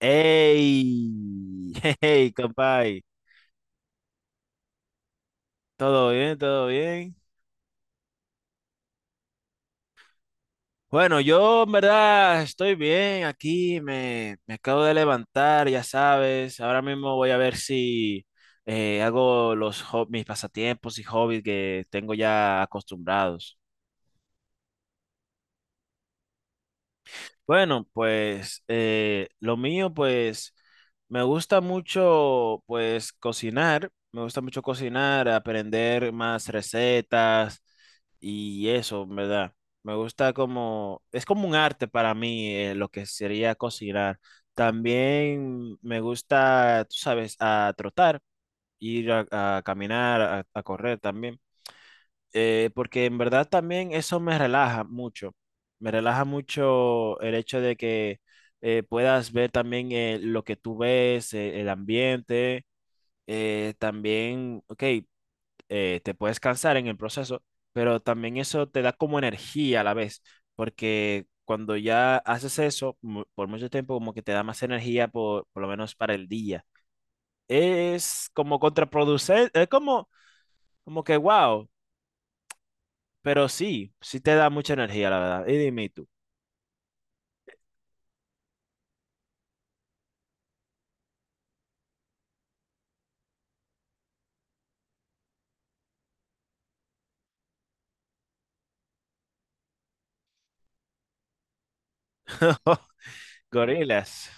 Hey, hey, compay, ¿todo bien? ¿Todo bien? Bueno, yo en verdad estoy bien aquí, me acabo de levantar, ya sabes. Ahora mismo voy a ver si hago mis pasatiempos y hobbies que tengo ya acostumbrados. Bueno, pues lo mío, pues me gusta mucho, pues cocinar, me gusta mucho cocinar, aprender más recetas y eso, ¿en verdad? Me gusta como, es como un arte para mí, lo que sería cocinar. También me gusta, tú sabes, a trotar, ir a caminar, a correr también, porque en verdad también eso me relaja mucho. Me relaja mucho el hecho de que puedas ver también, lo que tú ves, el ambiente, también, ok, te puedes cansar en el proceso, pero también eso te da como energía a la vez, porque cuando ya haces eso por mucho tiempo, como que te da más energía por lo menos para el día. Es como contraproducente, es como, como que, wow. Pero sí, sí te da mucha energía, la verdad. Y dime tú. Gorilas.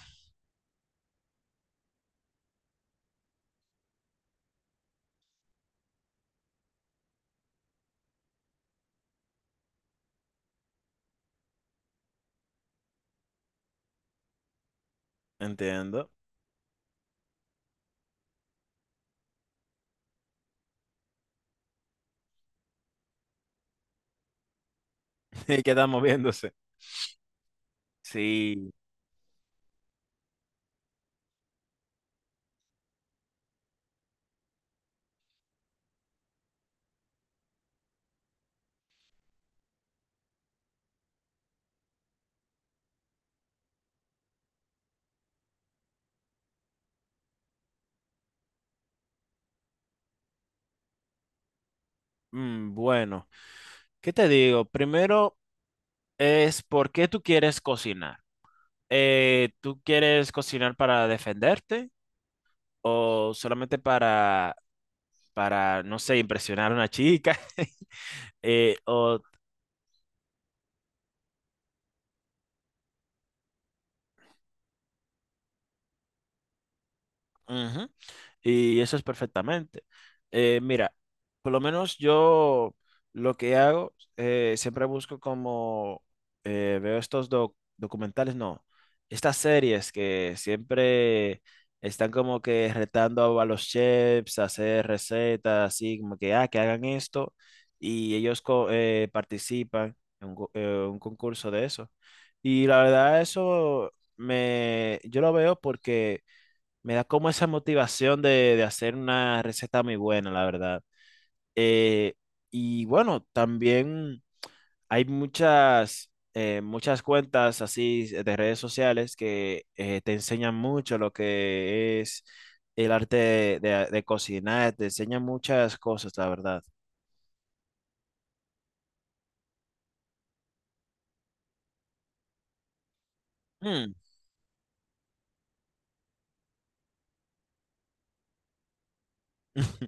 Entiendo. Y queda moviéndose. Sí. Mm, bueno, ¿qué te digo? Primero es por qué tú quieres cocinar. ¿Tú quieres cocinar para defenderte o solamente para, no sé, impresionar a una chica? ¿O ujú? Y eso es perfectamente. Mira, por lo menos yo lo que hago, siempre busco como, veo estos documentales, no, estas series que siempre están como que retando a los chefs a hacer recetas, así como que, ah, que hagan esto, y ellos participan en un, un concurso de eso. Y la verdad, eso me, yo lo veo porque me da como esa motivación de hacer una receta muy buena, la verdad. Eh, y bueno, también hay muchas, muchas cuentas así de redes sociales que te enseñan mucho lo que es el arte de, de cocinar, te enseñan muchas cosas, la verdad. Mm.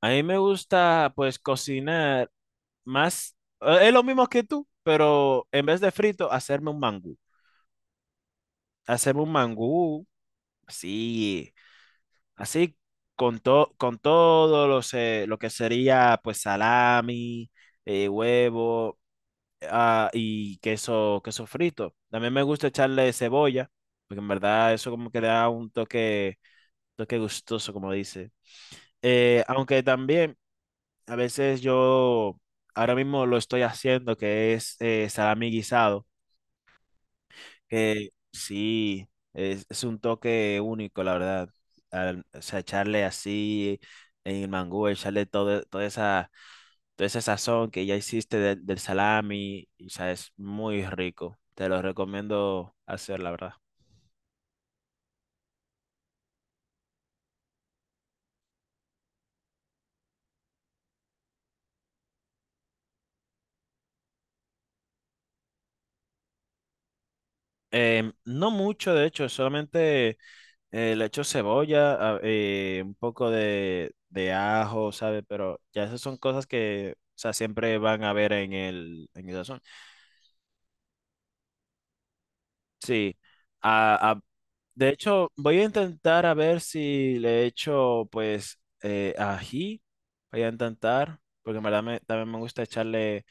A mí me gusta pues cocinar más, es lo mismo que tú, pero en vez de frito, hacerme un mangú. Hacerme un mangú, sí. Así, con, con todo los, lo que sería pues salami, huevo, ah, y queso, queso frito. También me gusta echarle cebolla, porque en verdad eso como que le da un toque, toque gustoso, como dice. Aunque también a veces yo ahora mismo lo estoy haciendo, que es salami guisado. Que sí, es un toque único, la verdad. O sea, echarle así en el mangú, echarle todo, toda esa sazón que ya hiciste del salami, y, o sea, es muy rico. Te lo recomiendo hacer, la verdad. Em, no mucho, de hecho, solamente le echo cebolla, un poco de ajo, sabe. Pero ya esas son cosas que, o sea, siempre van a ver en el sazón. Sí. A, de hecho, voy a intentar a ver si le echo, pues, ají. Voy a intentar, porque en verdad también me gusta echarle,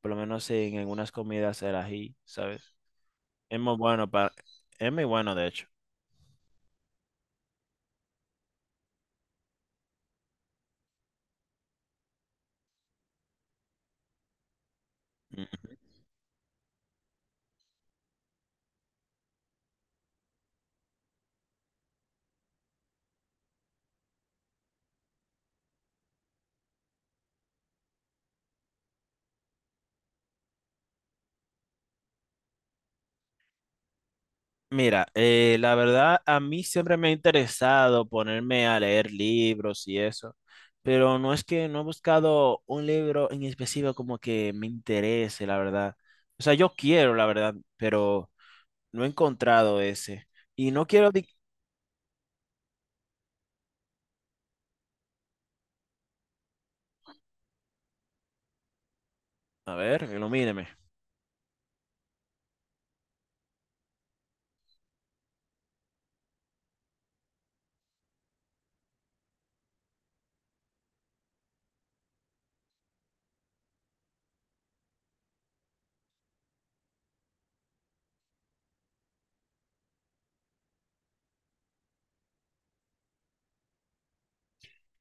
por lo menos en algunas comidas, el ají, ¿sabes? Es muy bueno para... Es muy bueno, de hecho. Mm. Mira, la verdad, a mí siempre me ha interesado ponerme a leer libros y eso, pero no es que no he buscado un libro en específico como que me interese, la verdad. O sea, yo quiero, la verdad, pero... No he encontrado ese. Y no quiero... di- A ver, ilumíneme.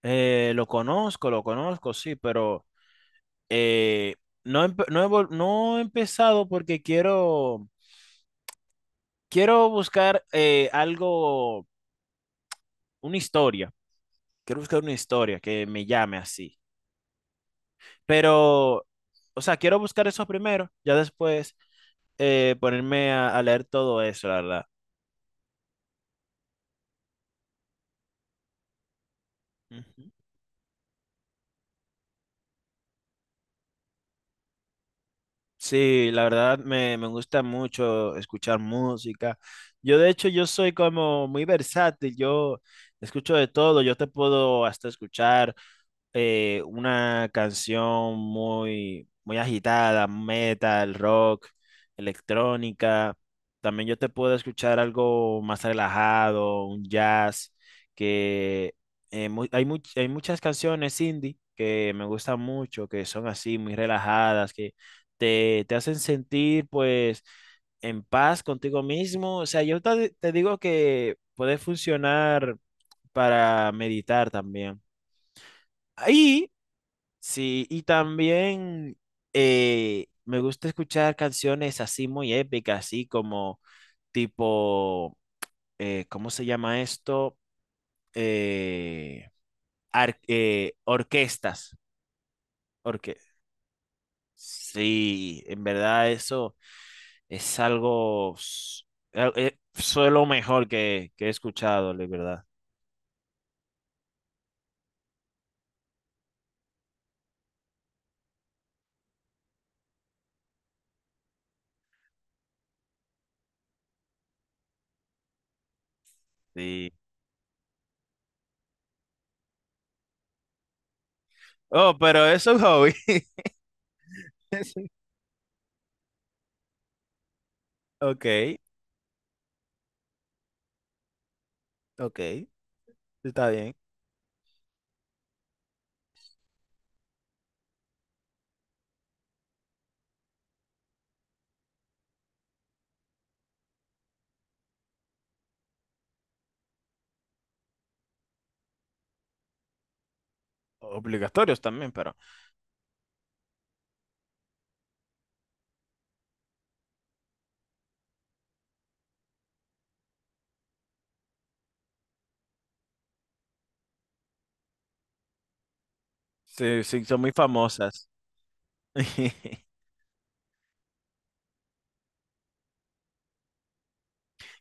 Lo conozco, sí, pero eh, no, no, no he empezado porque quiero, quiero buscar algo, una historia. Quiero buscar una historia que me llame así. Pero, o sea, quiero buscar eso primero, ya después ponerme a leer todo eso, la verdad. Ujú. Sí, la verdad me, me gusta mucho escuchar música. Yo de hecho yo soy como muy versátil, yo escucho de todo, yo te puedo hasta escuchar una canción muy, muy agitada, metal, rock, electrónica. También yo te puedo escuchar algo más relajado, un jazz, que hay muchas canciones indie que me gustan mucho, que son así, muy relajadas, te hacen sentir pues en paz contigo mismo. O sea, yo te, te digo que puede funcionar para meditar también. Ahí, sí, y también me gusta escuchar canciones así muy épicas, así como tipo, ¿cómo se llama esto? Eh, orquestas. Orque sí, en verdad eso. Es algo, fue lo mejor que he escuchado, de verdad. Sí. Oh, pero es un hobby. Sí. Ok, ok, está bien. Obligatorios también, pero sí, sí, son muy famosas.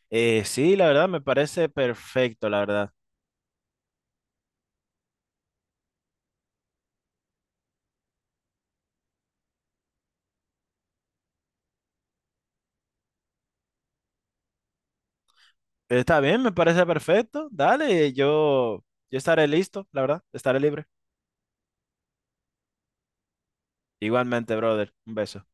Sí, la verdad, me parece perfecto, la verdad. Está bien, me parece perfecto. Dale, yo estaré listo, la verdad, estaré libre. Igualmente, brother, un beso.